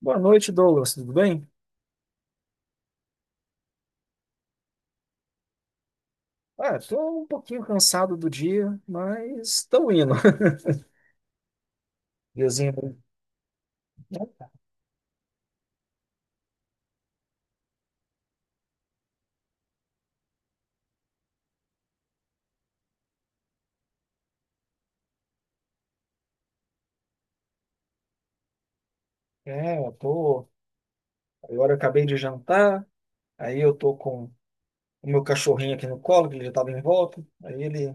Boa noite, Douglas. Tudo bem? Ah, tô um pouquinho cansado do dia, mas estou indo. Diazinho, né? É, eu tô. Agora eu acabei de jantar, aí eu tô com o meu cachorrinho aqui no colo, que ele já estava em volta. Aí ele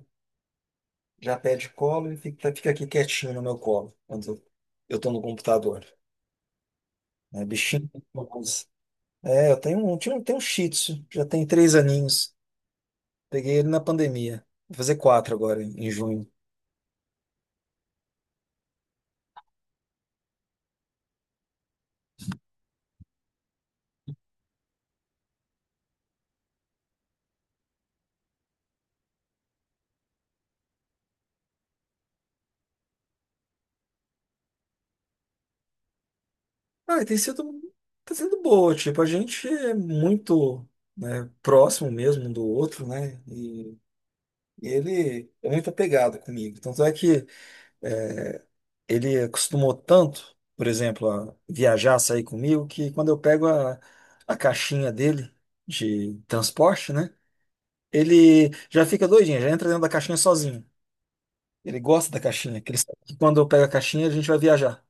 já pede colo e fica aqui quietinho no meu colo, quando eu tô no computador. É, bichinho. Mas- é, eu tenho um, tinha um- tenho um Shih Tzu, já tem três aninhos. Peguei ele na pandemia. Vou fazer quatro agora, em junho. Ah, tem sido, tá sendo boa, tipo, a gente é muito, né, próximo mesmo um do outro, né, e ele é muito apegado comigo, tanto é que é, ele acostumou tanto, por exemplo, a viajar, sair comigo, que quando eu pego a caixinha dele de transporte, né, ele já fica doidinho, já entra dentro da caixinha sozinho, ele gosta da caixinha, que ele sabe que quando eu pego a caixinha a gente vai viajar.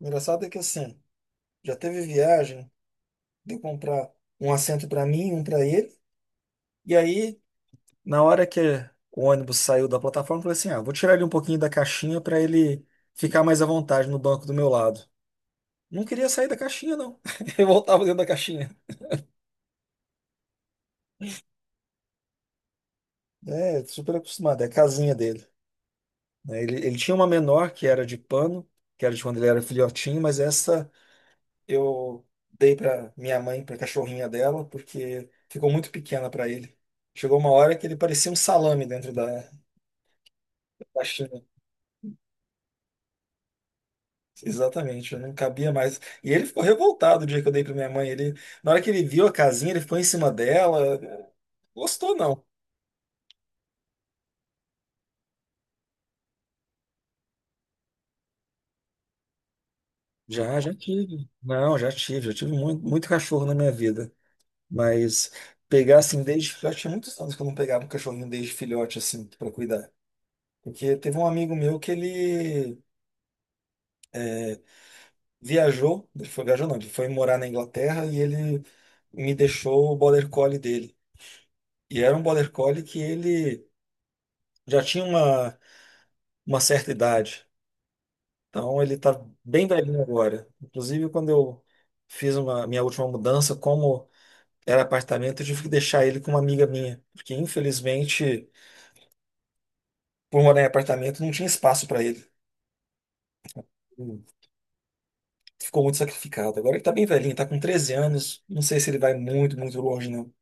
O engraçado é que assim, já teve viagem de comprar um assento para mim, um para ele. E aí, na hora que o ônibus saiu da plataforma, eu falei assim: ah, vou tirar ele um pouquinho da caixinha para ele ficar mais à vontade no banco do meu lado. Não queria sair da caixinha, não. Eu voltava dentro da caixinha. É, super acostumado, é a casinha dele. Né? Ele tinha uma menor que era de pano, que era de quando ele era filhotinho, mas essa eu dei para minha mãe, para cachorrinha dela, porque ficou muito pequena para ele. Chegou uma hora que ele parecia um salame dentro da caixinha. Exatamente, eu não cabia mais. E ele ficou revoltado o dia que eu dei pra minha mãe. Ele, na hora que ele viu a casinha, ele ficou em cima dela. Gostou, não. Já, já tive. Não, já tive muito, muito cachorro na minha vida. Mas pegar assim desde filhote, tinha muitos anos que eu não pegava um cachorrinho desde filhote, assim, pra cuidar. Porque teve um amigo meu que ele viajou, ele foi viajou, não, ele foi morar na Inglaterra e ele me deixou o border collie dele. E era um border collie que ele já tinha uma certa idade. Então ele tá bem velhinho agora. Inclusive, quando eu fiz uma minha última mudança, como era apartamento, eu tive que deixar ele com uma amiga minha, porque infelizmente, por morar em apartamento, não tinha espaço para ele. Hum, Ficou muito sacrificado. Agora ele tá bem velhinho, tá com 13 anos, não sei se ele vai muito, muito longe, não.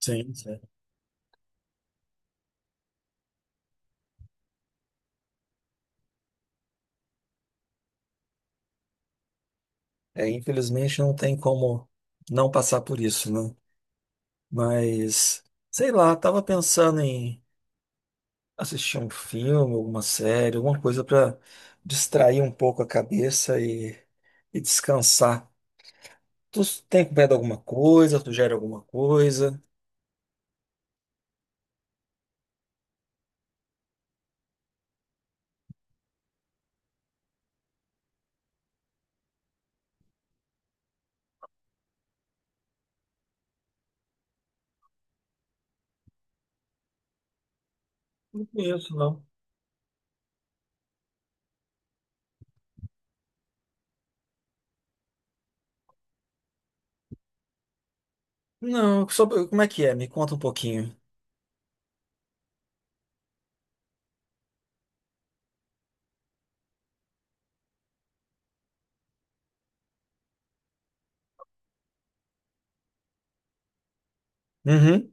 Sim, sim. É, infelizmente não tem como não passar por isso, né? Mas sei lá, tava pensando em assistir um filme, alguma série, alguma coisa para distrair um pouco a cabeça e descansar. Tu tem acompanhado alguma coisa? Tu gera alguma coisa? Não conheço, não. Não, sobre, como é que é? Me conta um pouquinho. Uhum.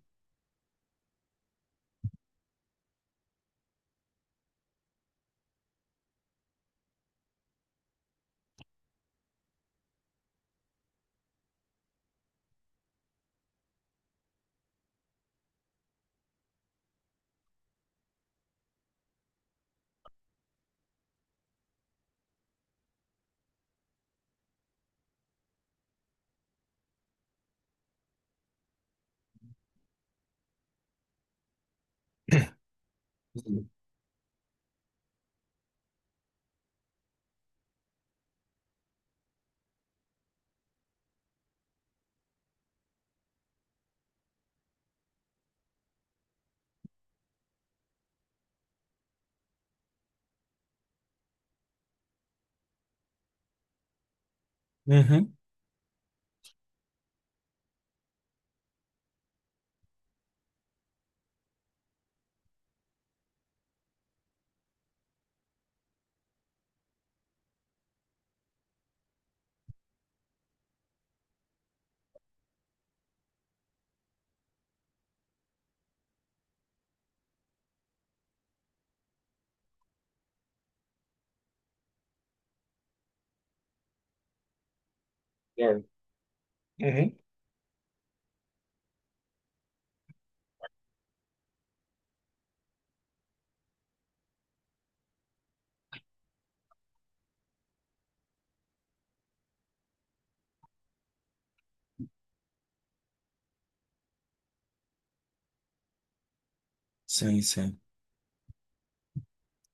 Uhum. É. Uhum. Sim, sim.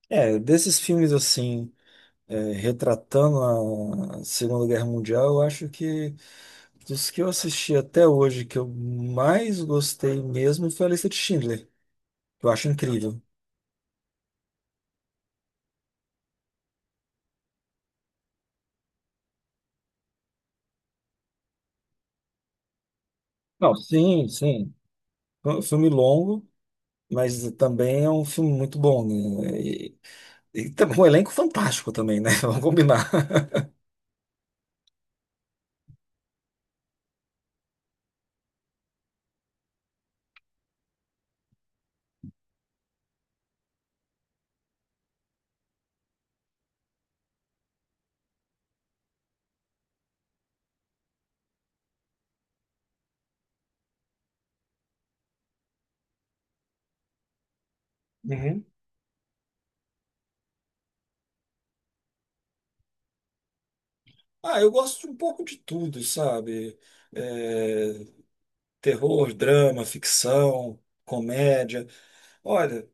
É, desses filmes assim, é, retratando a Segunda Guerra Mundial, eu acho que dos que eu assisti até hoje, que eu mais gostei mesmo foi a Lista de Schindler. Eu acho incrível. Não, sim, sim. É um filme longo, mas também é um filme muito bom, né? E também um elenco fantástico também, né? Vamos combinar. Uhum. Ah, eu gosto de um pouco de tudo, sabe? É, terror, drama, ficção, comédia. Olha,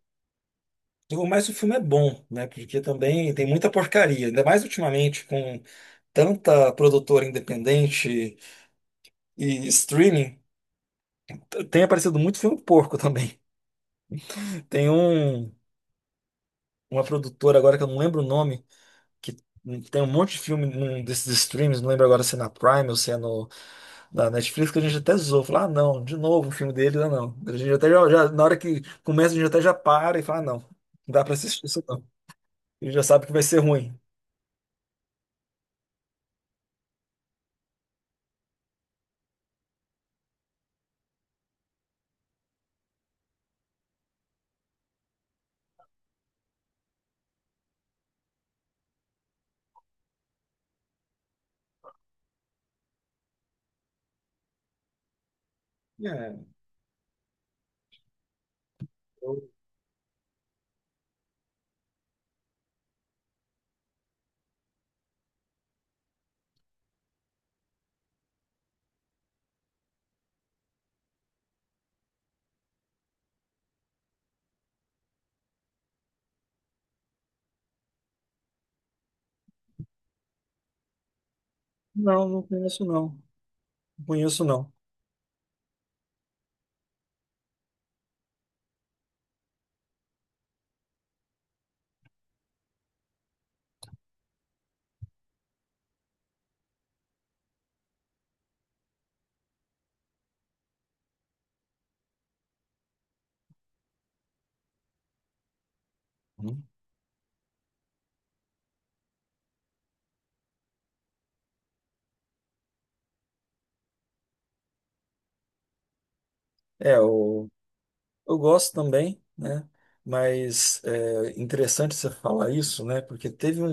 o mais o filme é bom, né? Porque também tem muita porcaria, ainda mais ultimamente com tanta produtora independente e streaming, tem aparecido muito filme porco também. Tem um. Uma produtora agora que eu não lembro o nome, que tem um monte de filme num desses streams, não lembro agora se é na Prime ou se é no, na Netflix, que a gente até zoou, falou, ah, não, de novo um filme dele, ah, não. A gente até na hora que começa, a gente até já para e fala, ah, não, não dá pra assistir isso não. Ele já sabe que vai ser ruim. É, eu- não, não conheço não, não conheço não. Uhum. É, eu gosto também, né? Mas é interessante você falar isso, né? Porque teve um.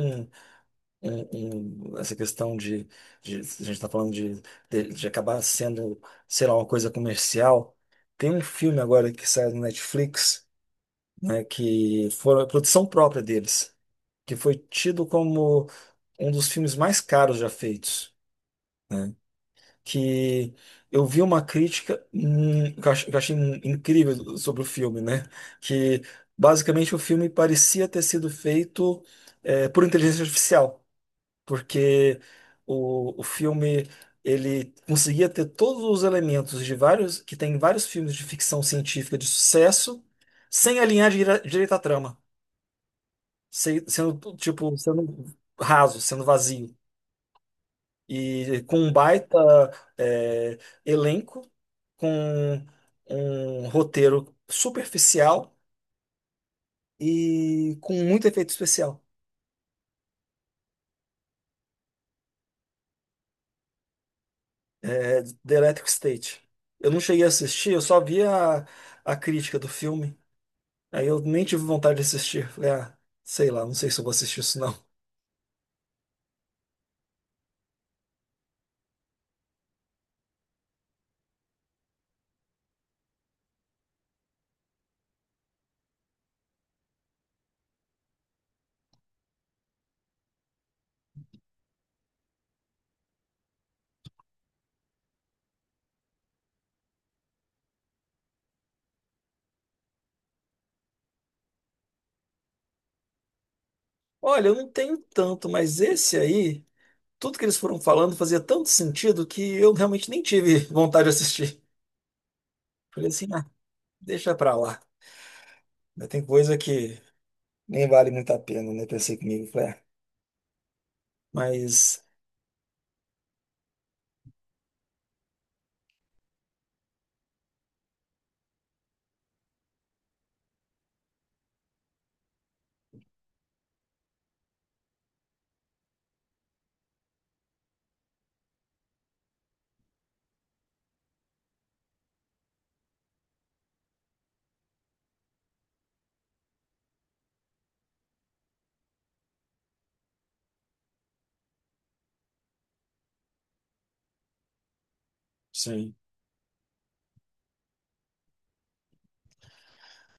Em essa questão de a gente está falando de de acabar sendo, sei lá, uma coisa comercial. Tem um filme agora que saiu no Netflix, né, que foi a produção própria deles, que foi tido como um dos filmes mais caros já feitos, né? Que eu vi uma crítica que que eu achei incrível sobre o filme, né? Que basicamente o filme parecia ter sido feito por inteligência artificial porque o filme ele conseguia ter todos os elementos de vários que tem em vários filmes de ficção científica de sucesso sem alinhar direito à trama, sendo raso, sendo vazio e com um baita é, elenco, com um roteiro superficial e com muito efeito especial. É, The Electric State. Eu não cheguei a assistir, eu só vi a crítica do filme. Aí eu nem tive vontade de assistir. Falei, ah, sei lá, não sei se eu vou assistir isso não. Olha, eu não tenho tanto, mas esse aí, tudo que eles foram falando fazia tanto sentido que eu realmente nem tive vontade de assistir. Falei assim, ah, deixa pra lá. Mas tem coisa que nem vale muito a pena, né? Pensei comigo, falei, ah, mas sim.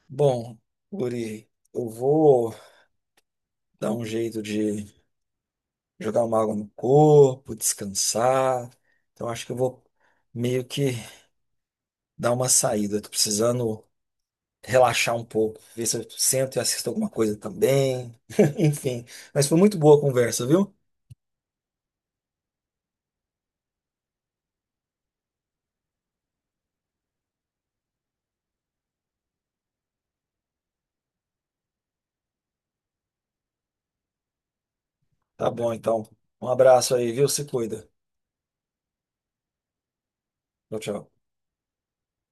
Bom, Guri, eu vou dar um jeito de jogar uma água no corpo, descansar. Então acho que eu vou meio que dar uma saída. Tô precisando relaxar um pouco, ver se eu sento e assisto alguma coisa também. Enfim, mas foi muito boa a conversa, viu? Tá bom, então. Um abraço aí, viu? Se cuida. Tchau, tchau.